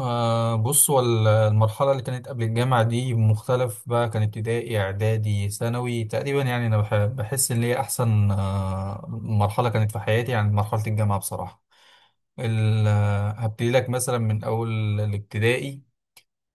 بص هو المرحلة اللي كانت قبل الجامعة دي مختلف بقى. كان ابتدائي إعدادي ثانوي تقريبا، يعني أنا بحس إن هي أحسن مرحلة كانت في حياتي، يعني مرحلة الجامعة بصراحة. هبتدي لك مثلا من أول الابتدائي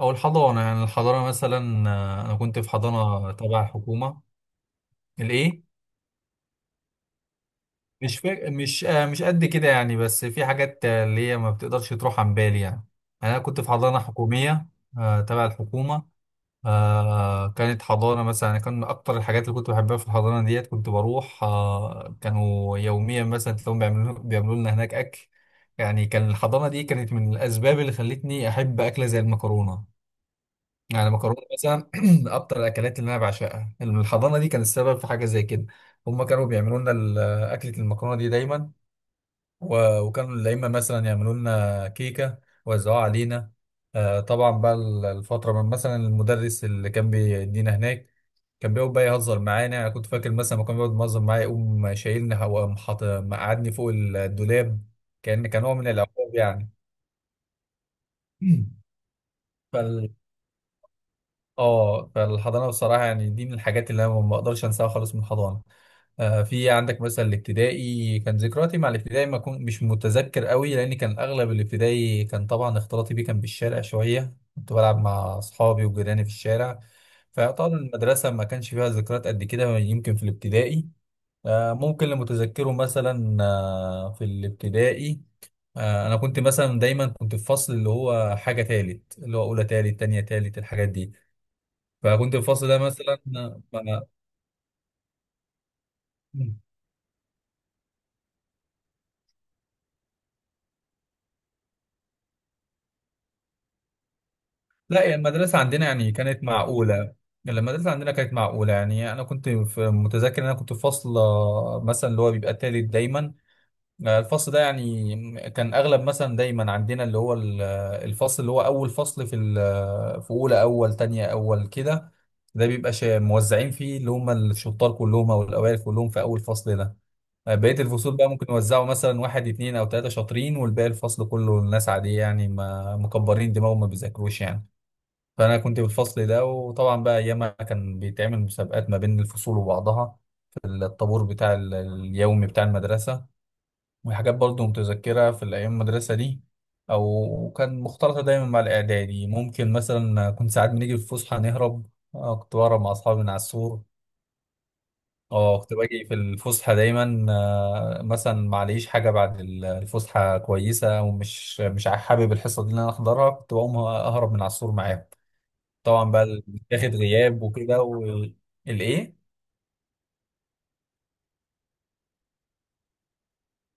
أو الحضانة. يعني الحضانة مثلا، أنا كنت في حضانة تبع الحكومة. الإيه؟ مش فاك... مش آه مش قد كده يعني، بس في حاجات اللي هي ما بتقدرش تروح عن بالي يعني. يعني أنا كنت في حضانة حكومية، تبع الحكومة. كانت حضانة. مثلا أنا كان من أكتر الحاجات اللي كنت بحبها في الحضانة ديت كنت بروح، كانوا يوميا مثلا تلاقيهم بيعملوا لنا هناك أكل. يعني كان الحضانة دي كانت من الأسباب اللي خلتني أحب أكلة زي المكرونة. يعني المكرونة مثلا من أكتر الأكلات اللي أنا بعشقها. الحضانة دي كان السبب في حاجة زي كده. هما كانوا بيعملوا لنا أكلة المكرونة دي دايما. وكانوا الأئمة مثلا يعملوا لنا كيكة ويوزعوها علينا. طبعا بقى الفترة من مثلا المدرس اللي كان بيدينا هناك كان بيقعد بقى يهزر معانا. يعني أنا كنت فاكر مثلا ما كان بيقعد يهزر معايا يقوم شايلني، وقام مقعدني فوق الدولاب، كأن كان هو من العقاب يعني. فال اه فالحضانه بصراحه، يعني دي من الحاجات اللي انا ما اقدرش انساها خالص من الحضانه. في عندك مثلا الابتدائي. كان ذكرياتي مع الابتدائي ما كنت مش متذكر قوي، لان كان اغلب الابتدائي كان طبعا اختلاطي بيه كان بالشارع شويه، كنت بلعب مع اصحابي وجيراني في الشارع. فطبعا المدرسه ما كانش فيها ذكريات قد كده يمكن في الابتدائي. ممكن اللي متذكره مثلا، في الابتدائي، انا كنت مثلا دايما كنت في فصل اللي هو حاجه تالت، اللي هو اولى تالت، تانية تالت، الحاجات دي. فكنت الفصل ده مثلا مع... لا، يعني المدرسة عندنا يعني كانت معقولة. يعني المدرسة عندنا كانت معقولة، يعني أنا كنت متذكر إن أنا كنت في فصل مثلا اللي هو بيبقى تالت دايما. الفصل ده يعني كان أغلب مثلا دايما عندنا اللي هو الفصل اللي هو أول فصل في في أولى، أول تانية، أول كده، ده بيبقى موزعين فيه اللي هم الشطار كلهم أو الأوائل كلهم في أول فصل ده. بقية الفصول بقى ممكن يوزعوا مثلا واحد اتنين أو تلاتة شاطرين، والباقي الفصل كله الناس عادية، يعني ما مكبرين دماغهم ما بيذاكروش يعني. فأنا كنت بالفصل ده، وطبعا بقى أيامها كان بيتعمل مسابقات ما بين الفصول وبعضها في الطابور بتاع اليومي بتاع المدرسة. وحاجات برضو متذكرة في الأيام المدرسة دي، أو كان مختلطة دايما مع الإعدادي. ممكن مثلا كنت ساعات بنيجي في الفسحة نهرب. كنت بهرب مع أصحابي من على السور. اه، كنت باجي في الفسحة دايما، مثلا معليش حاجة بعد الفسحة كويسة، ومش مش حابب الحصة دي اللي انا احضرها، كنت بقوم اهرب من على السور معاهم. طبعا بقى بتاخد غياب وكده والايه.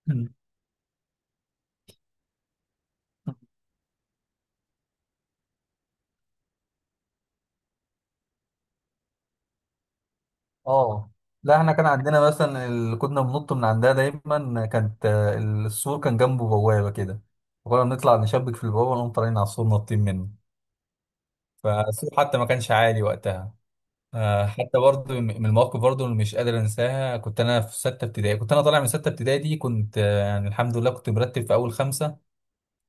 اه، لا احنا كان عندنا مثلا كنا بننط من عندها دايما. كانت السور كان جنبه بوابة كده، وكنا بنطلع نشبك في البوابة ونقوم طالعين على السور ناطين منه. فالسور حتى ما كانش عالي وقتها. حتى برضه من المواقف برضه اللي مش قادر انساها، كنت انا في سته ابتدائي. كنت انا طالع من سته ابتدائي دي، كنت يعني الحمد لله كنت مرتب في اول خمسه.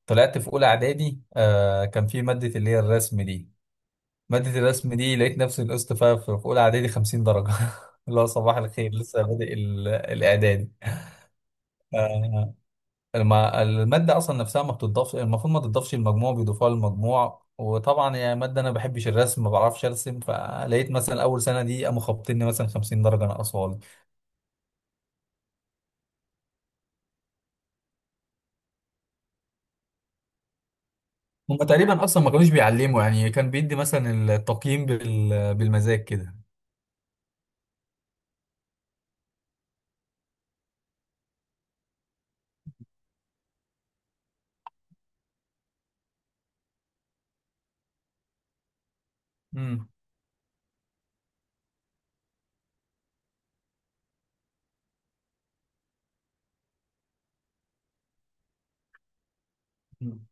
طلعت في اولى اعدادي، كان في ماده اللي هي الرسم دي. ماده الرسم دي لقيت نفسي نقصت فيها في اولى اعدادي 50 درجه. اللي هو صباح الخير لسه بادئ الاعدادي. آه، المادة أصلا نفسها ما بتضافش، المفروض ما تضافش المجموع، بيضيفوها للمجموع. وطبعا يا مادة أنا ما بحبش الرسم، ما بعرفش أرسم، فلقيت مثلا أول سنة دي قاموا خابطيني مثلا 50 درجة ناقصة. هم تقريبا اصلا ما كانوش بيعلموا يعني، كان بيدي مثلا التقييم بالمزاج كده. لي. امم.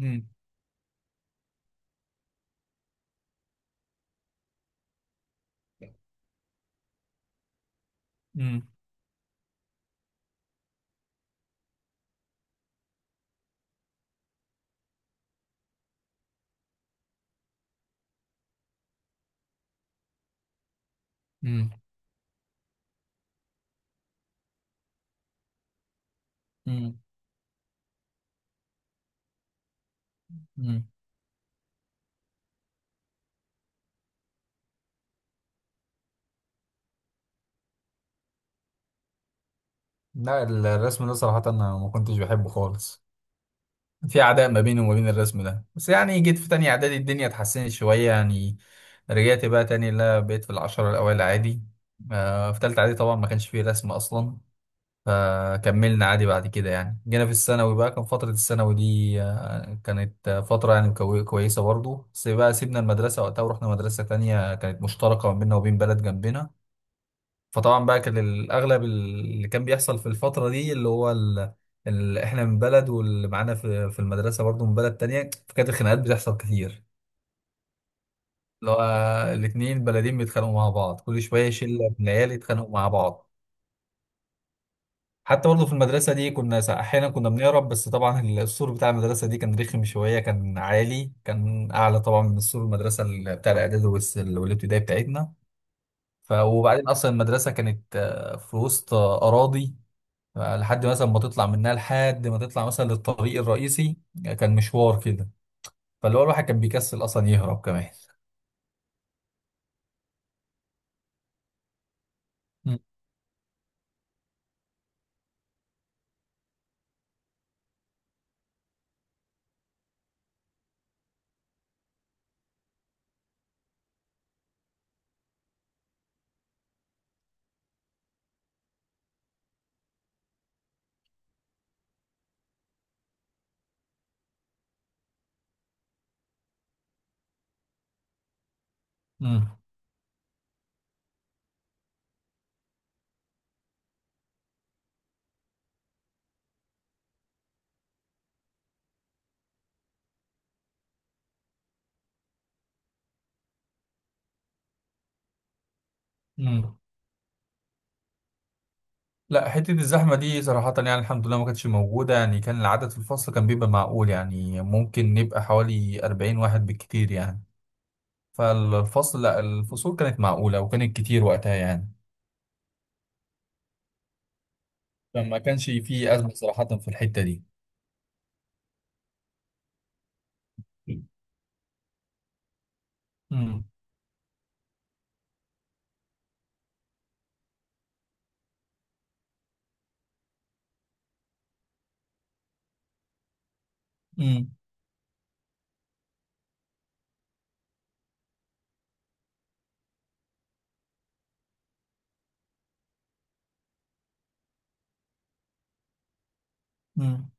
امم. امم. امم. لا، الرسم ده صراحة أنا ما كنتش بحبه خالص، في عداء ما بيني وما بين الرسم ده. بس يعني جيت في تانية اعدادي الدنيا اتحسنت شوية يعني. رجعت بقى تاني، لا بقيت في العشرة الاوائل عادي. آه، في تالتة اعدادي طبعا ما كانش فيه رسم اصلا، فكملنا عادي بعد كده. يعني جينا في الثانوي بقى، كان فترة الثانوي دي كانت فترة يعني كويسة برضه. بس بقى سيبنا المدرسة وقتها ورحنا مدرسة تانية كانت مشتركة ما بيننا وبين بلد جنبنا. فطبعا بقى كان الاغلب اللي كان بيحصل في الفتره دي اللي هو احنا من بلد، واللي معانا في المدرسه برضو من بلد تانية، فكانت الخناقات بتحصل كتير. اللي هو الاتنين بلدين بيتخانقوا مع بعض، كل شويه شله من العيال يتخانقوا مع بعض. حتى برضو في المدرسه دي كنا احيانا كنا بنهرب. بس طبعا السور بتاع المدرسه دي كان رخم شويه، كان عالي، كان اعلى طبعا من سور المدرسه بتاع الاعدادي والابتدائي بتاعتنا. وبعدين اصلا المدرسه كانت في وسط اراضي. لحد مثلا ما تطلع منها، لحد ما تطلع مثلا للطريق الرئيسي، كان مشوار كده. فاللي هو الواحد كان بيكسل اصلا يهرب كمان. مم. مم. مم. لا، حتة الزحمة دي صراحة يعني الحمد لله ما كانتش موجودة. يعني كان العدد في الفصل كان بيبقى معقول، يعني ممكن نبقى حوالي 40 واحد بالكتير يعني. لا، الفصول كانت معقولة وكانت كتير وقتها يعني. فما كانش فيه أزمة صراحة في الحتة دي. مم. مم. مم.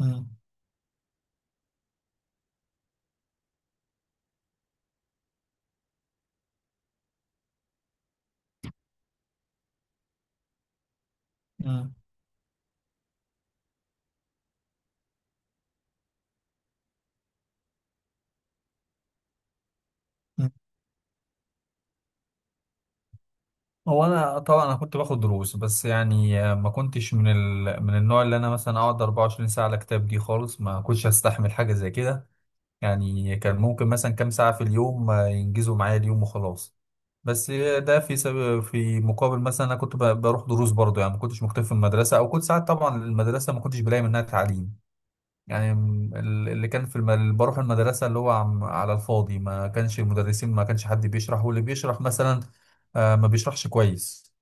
مم. مم. هو انا طبعا كنت باخد دروس. بس يعني ما كنتش من من النوع اللي انا مثلا اقعد 24 ساعه على كتاب دي خالص، ما كنتش هستحمل حاجه زي كده. يعني كان ممكن مثلا كام ساعه في اليوم، ينجزوا معايا اليوم وخلاص. بس ده في في مقابل مثلا انا كنت بروح دروس برضه، يعني ما كنتش مكتفي في المدرسه. او كنت ساعات طبعا المدرسه ما كنتش بلاقي منها تعليم. يعني اللي كان في اللي بروح المدرسه اللي هو على الفاضي، ما كانش المدرسين، ما كانش حد بيشرح، واللي بيشرح مثلا ما بيشرحش كويس.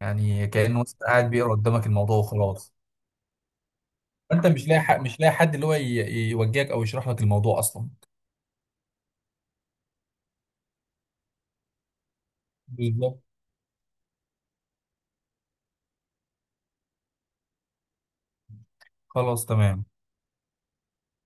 يعني كأنه بس قاعد بيقرا قدامك الموضوع وخلاص. انت مش لاقي حق، مش لاقي حد اللي هو يوجهك او يشرح لك الموضوع اصلا. بالظبط. خلاص تمام.